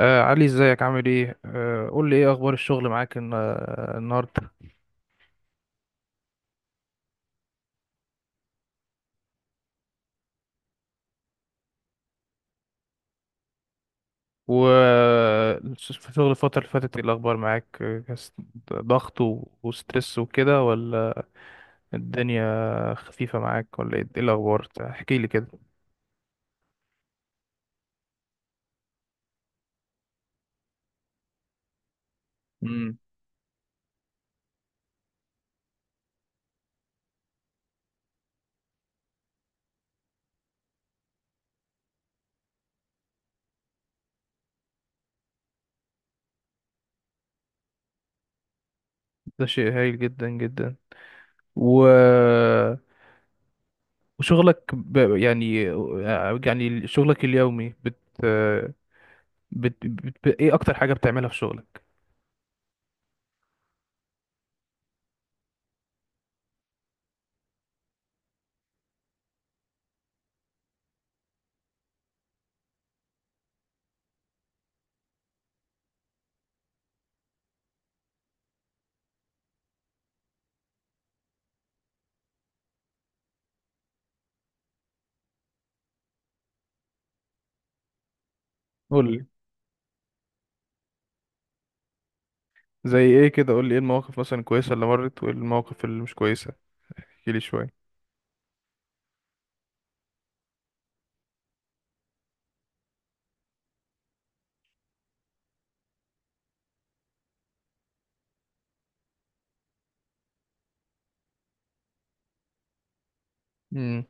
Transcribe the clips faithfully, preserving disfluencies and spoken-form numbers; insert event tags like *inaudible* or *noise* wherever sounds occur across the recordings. آه علي، ازيك؟ عامل ايه؟ آه قول لي، ايه اخبار الشغل معاك الن- آه، النهارده؟ و في شغل الفترة اللي فاتت ايه الاخبار معاك؟ آه، كس- ضغط و- وستريس وكده، ولا الدنيا خفيفة معاك، ولا ايه إيه الاخبار؟ احكي لي كده. امم. ده شيء هايل جدا جدا. و وشغلك ب... يعني آه، يعني شغلك اليومي بت... بت... بت... ايه اكتر حاجة بتعملها في شغلك؟ زي ايه كده؟ قول لي ايه المواقف مثلا الكويسة اللي مرت، وايه المواقف اللي مش كويسة؟ احكي لي شوية. امم.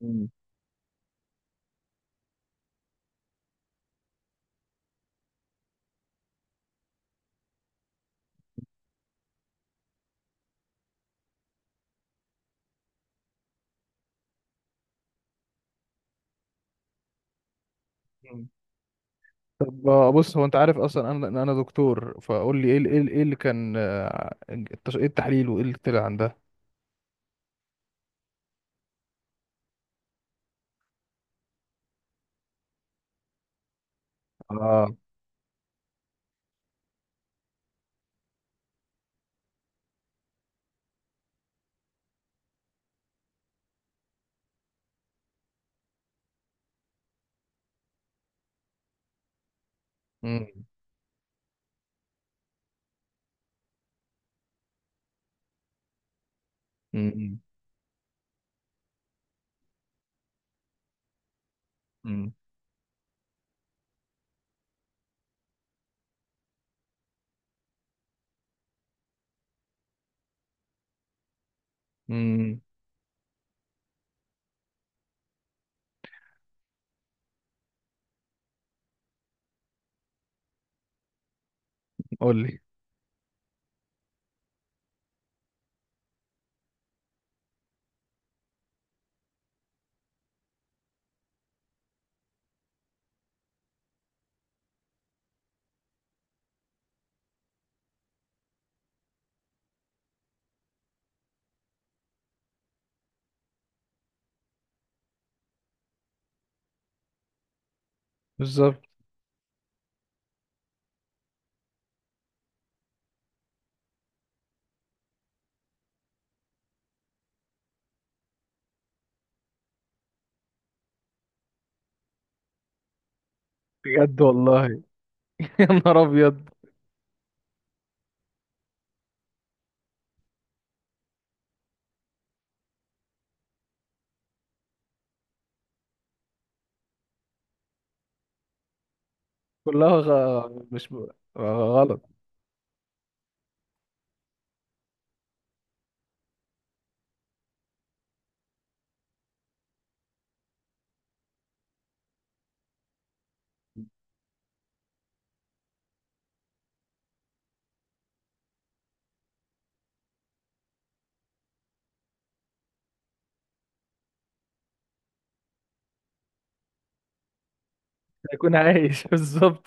مم. مم. طب، آه، بص، هو انت عارف اصلا انا إن انا دكتور، فقول لي ايه ال- ايه ال- إيه اللي كان، آه، التش- ايه التحليل وايه اللي طلع عندها؟ اه. امم. امم. امم. امم. قول لي. بالظبط. بجد والله؟ *laughs* يا نهار ابيض! كلها غ... مش ب- غلط. هيكون عايش *laughs* بالظبط.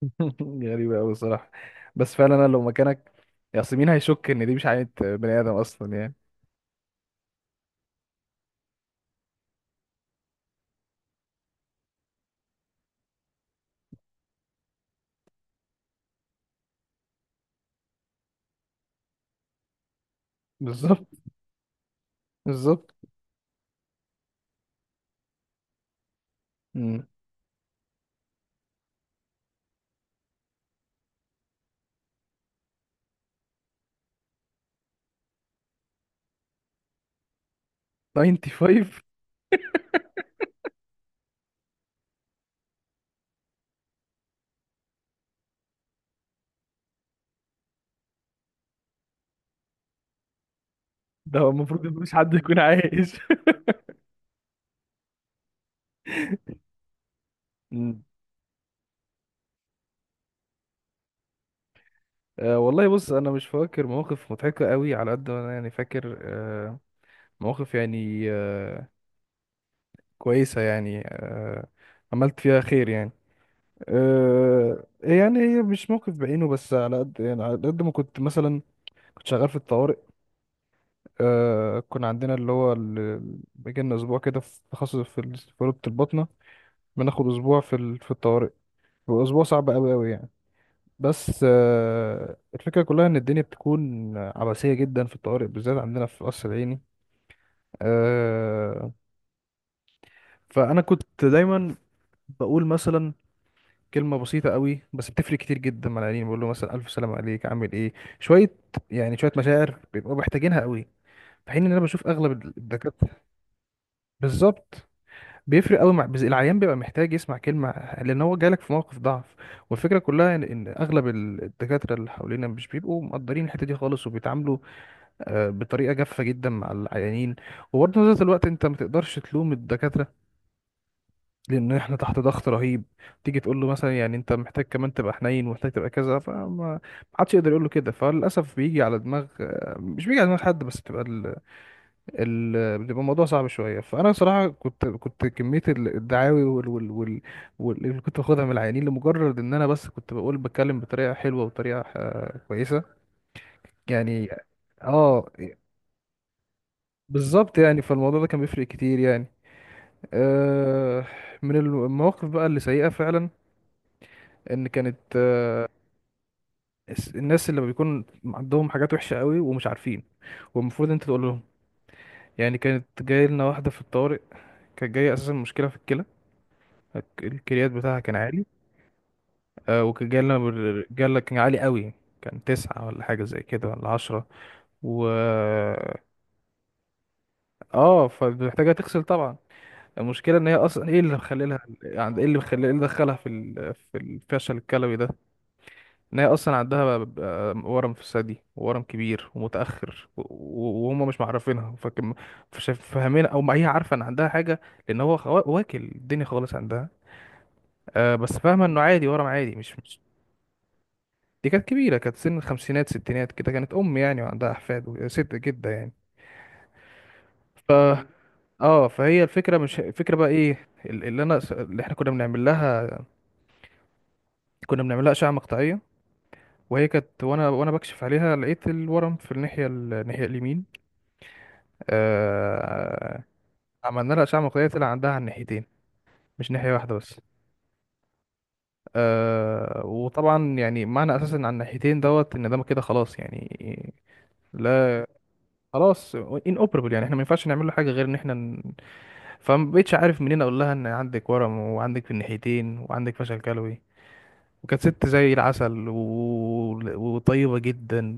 *laughs* غريبة أوي الصراحة. بس فعلا أنا لو مكانك ياسمين هيشك إن دي مش عينة بني آدم أصلا يعني. بالظبط، بالظبط. مم. خمسة وتسعين؟ ده هو المفروض إن مفيش حد يكون عايش. *laughs* مم. أه والله، بص، أنا مش فاكر مواقف مضحكة أوي، على قد ما أنا يعني فاكر. أه، مواقف يعني، أه، كويسة يعني، أه، عملت فيها خير يعني. أه، يعني هي مش موقف بعينه، بس على قد يعني على قد ما كنت مثلا كنت شغال في الطوارئ. آه كنا عندنا اللي هو ال- بيجي لنا اسبوع كده، في تخصص في ال- في رتبة الباطنة، بناخد اسبوع في ال- في الطوارئ، واسبوع صعب قوي قوي يعني. بس آه الفكرة كلها ان الدنيا بتكون عباسية جدا في الطوارئ، بالذات عندنا في قصر العيني. آه فانا كنت دايما بقول مثلا كلمة بسيطة قوي، بس بتفرق كتير جدا مع العيانين، بقول له مثلا: ألف سلام عليك، عامل إيه؟ شوية، يعني شوية مشاعر بيبقوا محتاجينها قوي، في حين إن أنا بشوف أغلب الدكاترة، بالظبط، بيفرق قوي. مع بس العيان بيبقى محتاج يسمع كلمة، لأن هو جالك في موقف ضعف. والفكرة كلها إن إن أغلب ال- الدكاترة اللي حوالينا مش بيبقوا مقدرين الحتة دي خالص، وبيتعاملوا آه، بطريقة جافة جدا مع العيانين. وبرضه في نفس الوقت أنت ما تقدرش تلوم الدكاترة، لأن إحنا تحت ضغط رهيب. تيجي تقول له مثلا يعني أنت محتاج كمان تبقى حنين ومحتاج تبقى كذا، فما ما حدش يقدر يقول له كده. فللأسف بيجي على دماغ آه، مش بيجي على دماغ حد، بس بتبقى ال... بيبقى الموضوع صعب شويه. فانا صراحه كنت كنت كميه ال- الدعاوي وال... وال... وال... وال... اللي كنت باخدها من العيانين لمجرد ان انا بس كنت بقول بتكلم بطريقه حلوه وطريقه آه، كويسه يعني. اه، بالظبط يعني، فالموضوع ده كان بيفرق كتير يعني. آه من المواقف بقى اللي سيئه فعلا، ان كانت، آه، الس- الناس اللي بيكون عندهم حاجات وحشه قوي ومش عارفين، والمفروض انت تقول لهم يعني. كانت جايه لنا واحده في الطوارئ، كانت جايه اساسا مشكله في الكلى. الك- الكليات بتاعها كان عالي، آه، وجالنا بر- جالنا كان عالي قوي، كان تسعة ولا حاجة زي كده، ولا عشرة. و اه، فمحتاجة تغسل طبعا. المشكلة ان هي اصلا ايه اللي مخليلها يعني ايه اللي مخلي ايه اللي دخلها في ال... في الفشل الكلوي ده؟ ان هي اصلا عندها ب- ب- ورم في الثدي، ورم كبير ومتأخر و... و- وهم مش معرفينها، فكم مش فاهمينها، او ما هي عارفة ان عندها حاجة، لان هو خوا- واكل الدنيا خالص عندها، آه بس فاهمة انه عادي، ورم عادي مش... دي كانت كبيرة، كانت سن الخمسينات ستينات كده، كانت أم يعني، وعندها أحفاد، وست جدة يعني. ف اه، فهي الفكرة، مش الفكرة بقى، ايه ال- اللي انا اللي احنا كنا بنعمل لها. كنا بنعمل لها أشعة مقطعية، وهي كانت، وانا وانا بكشف عليها لقيت الورم في الناحية ال- الناحية اليمين. آه... عملنا لها أشعة مقطعية، طلع عندها على الناحيتين، مش ناحية واحدة بس. آه... وطبعا يعني معنى أساسا على الناحيتين دوت، إن ده كده خلاص يعني. لا، خلاص، ان اوبربل يعني، احنا ما ينفعش نعمل له حاجه غير ان احنا. فما بقتش عارف منين اقول لها ان عندك ورم، وعندك في الناحيتين، وعندك فشل كلوي، وكانت ست زي العسل و... وطيبة جدا،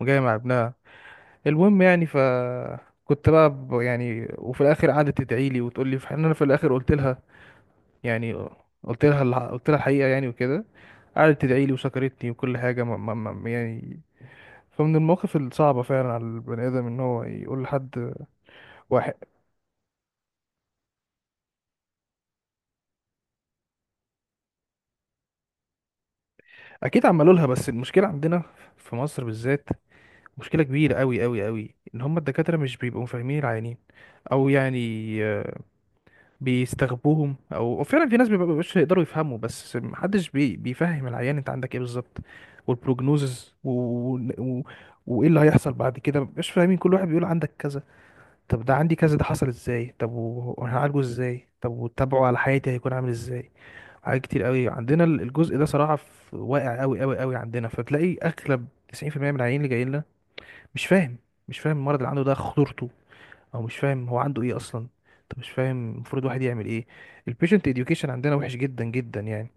وجاية مع ابنها. المهم يعني. ف كنت بقى ب- يعني، وفي الاخر قعدت تدعي لي وتقول لي، في حين انا في الاخر قلت لها يعني، قلت لها الح- قلت لها الحقيقة يعني وكده. قعدت تدعي لي وشكرتني وكل حاجة، ما ما ما يعني. فمن المواقف الصعبة فعلا على البني آدم إن هو يقول لحد واحد. أكيد عملوا لها، بس المشكلة عندنا في مصر بالذات، مشكلة كبيرة أوي أوي أوي، إن هما الدكاترة مش بيبقوا فاهمين العيانين، أو يعني، آه، بيستغبوهم، أو أو فعلا في ناس مبيبقوش يقدروا يفهموا، بس محدش بي بيفهم العيان أنت عندك إيه بالظبط، والبروجنوزز و... و... وإيه اللي هيحصل بعد كده. مش فاهمين، كل واحد بيقول عندك كذا. طب ده عندي كذا ده حصل إزاي؟ طب و- وهنعالجه إزاي؟ طب، وتابعه على حياتي هيكون عامل إزاي؟ حاجات كتير أوي عندنا ال- الجزء ده صراحة، في- واقع أوي أوي أوي عندنا. فتلاقي أغلب تسعين في المية من العيانين اللي جايين مش فاهم مش فاهم المرض اللي عنده ده خطورته، او مش فاهم هو عنده ايه اصلا. طب مش فاهم المفروض الواحد يعمل ايه؟ البيشنت اديوكيشن عندنا وحش جدا جدا يعني.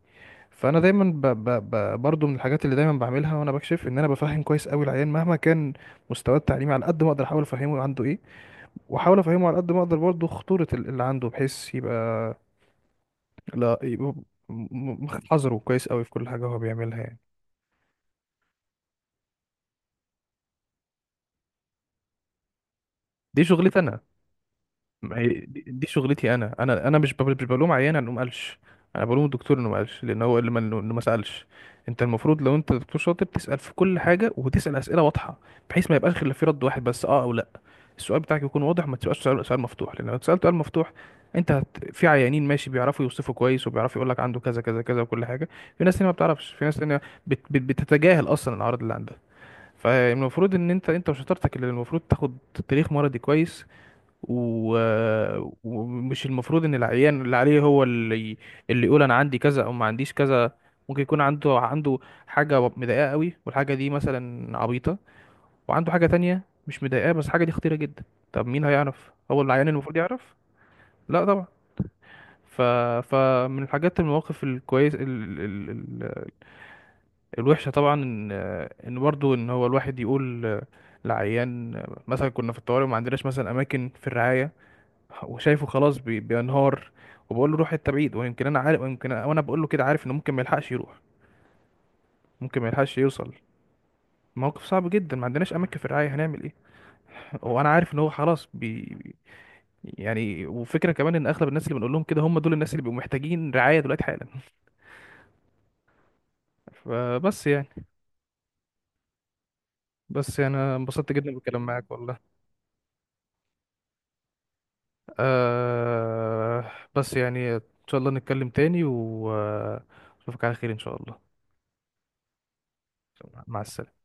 فانا دايما ب ب ب برضو من الحاجات اللي دايما بعملها وانا بكشف ان انا بفهم كويس قوي العيان مهما كان مستواه التعليمي، على قد ما اقدر احاول افهمه عنده ايه، واحاول افهمه على قد ما اقدر برضو خطورة ال- اللي عنده، بحيث يبقى، لا، يبقى م- م- حذره كويس قوي في كل حاجة هو بيعملها يعني. دي شغلتي انا. ما هي دي دي شغلتي انا انا انا مش بب- مش بلوم عيان انه ما قالش، انا بلوم الدكتور انه ما قالش، لان هو اللي ما اللي ما سالش. انت المفروض لو انت دكتور شاطر تسال في كل حاجه، وتسال اسئله واضحه، بحيث ما يبقاش غير في رد واحد بس، اه او لا. السؤال بتاعك يكون واضح، وما تبقاش سؤال سؤال مفتوح، لان لو سالت سؤال مفتوح، انت هت... في عيانين ماشي بيعرفوا يوصفوا كويس وبيعرفوا يقول لك عنده كذا كذا كذا وكل حاجه. في ناس تانية ما بتعرفش، في ناس تانية بت... بت... بتتجاهل اصلا الاعراض اللي عندها. فالمفروض ان انت انت وشطارتك اللي المفروض تاخد تاريخ مرضي كويس، و... ومش المفروض ان العيان اللي عليه هو اللي اللي يقول انا عندي كذا او ما عنديش كذا. ممكن يكون عنده عنده حاجة مضايقاه قوي، والحاجة دي مثلا عبيطة، وعنده حاجة تانية مش مضايقاه، بس الحاجة دي خطيرة جدا. طب مين هيعرف؟ هو العيان المفروض يعرف؟ لا طبعا. ف... فمن الحاجات المواقف الكويس ال... ال... ال... الوحشة طبعا، ان ان برضه ان هو الواحد يقول لعيان مثلا، كنا في الطوارئ وما عندناش مثلا اماكن في الرعاية، وشايفه خلاص بي- بينهار، وبقول له روح حته بعيد. ويمكن انا عارف، ويمكن أنا- وانا بقول له كده عارف انه ممكن ما يلحقش يروح، ممكن ما يلحقش يوصل. موقف صعب جدا. ما عندناش اماكن في الرعايه، هنعمل ايه؟ *laughs* وانا عارف ان هو خلاص بي، يعني. وفكره كمان ان اغلب الناس اللي بنقول لهم كده هم دول الناس اللي بيبقوا محتاجين رعايه دلوقتي حالا. *laughs* فبس يعني، بس يعني انا انبسطت جدا بالكلام معاك والله. آه بس يعني ان شاء الله نتكلم تاني، واشوفك على خير ان شاء الله. مع السلامه.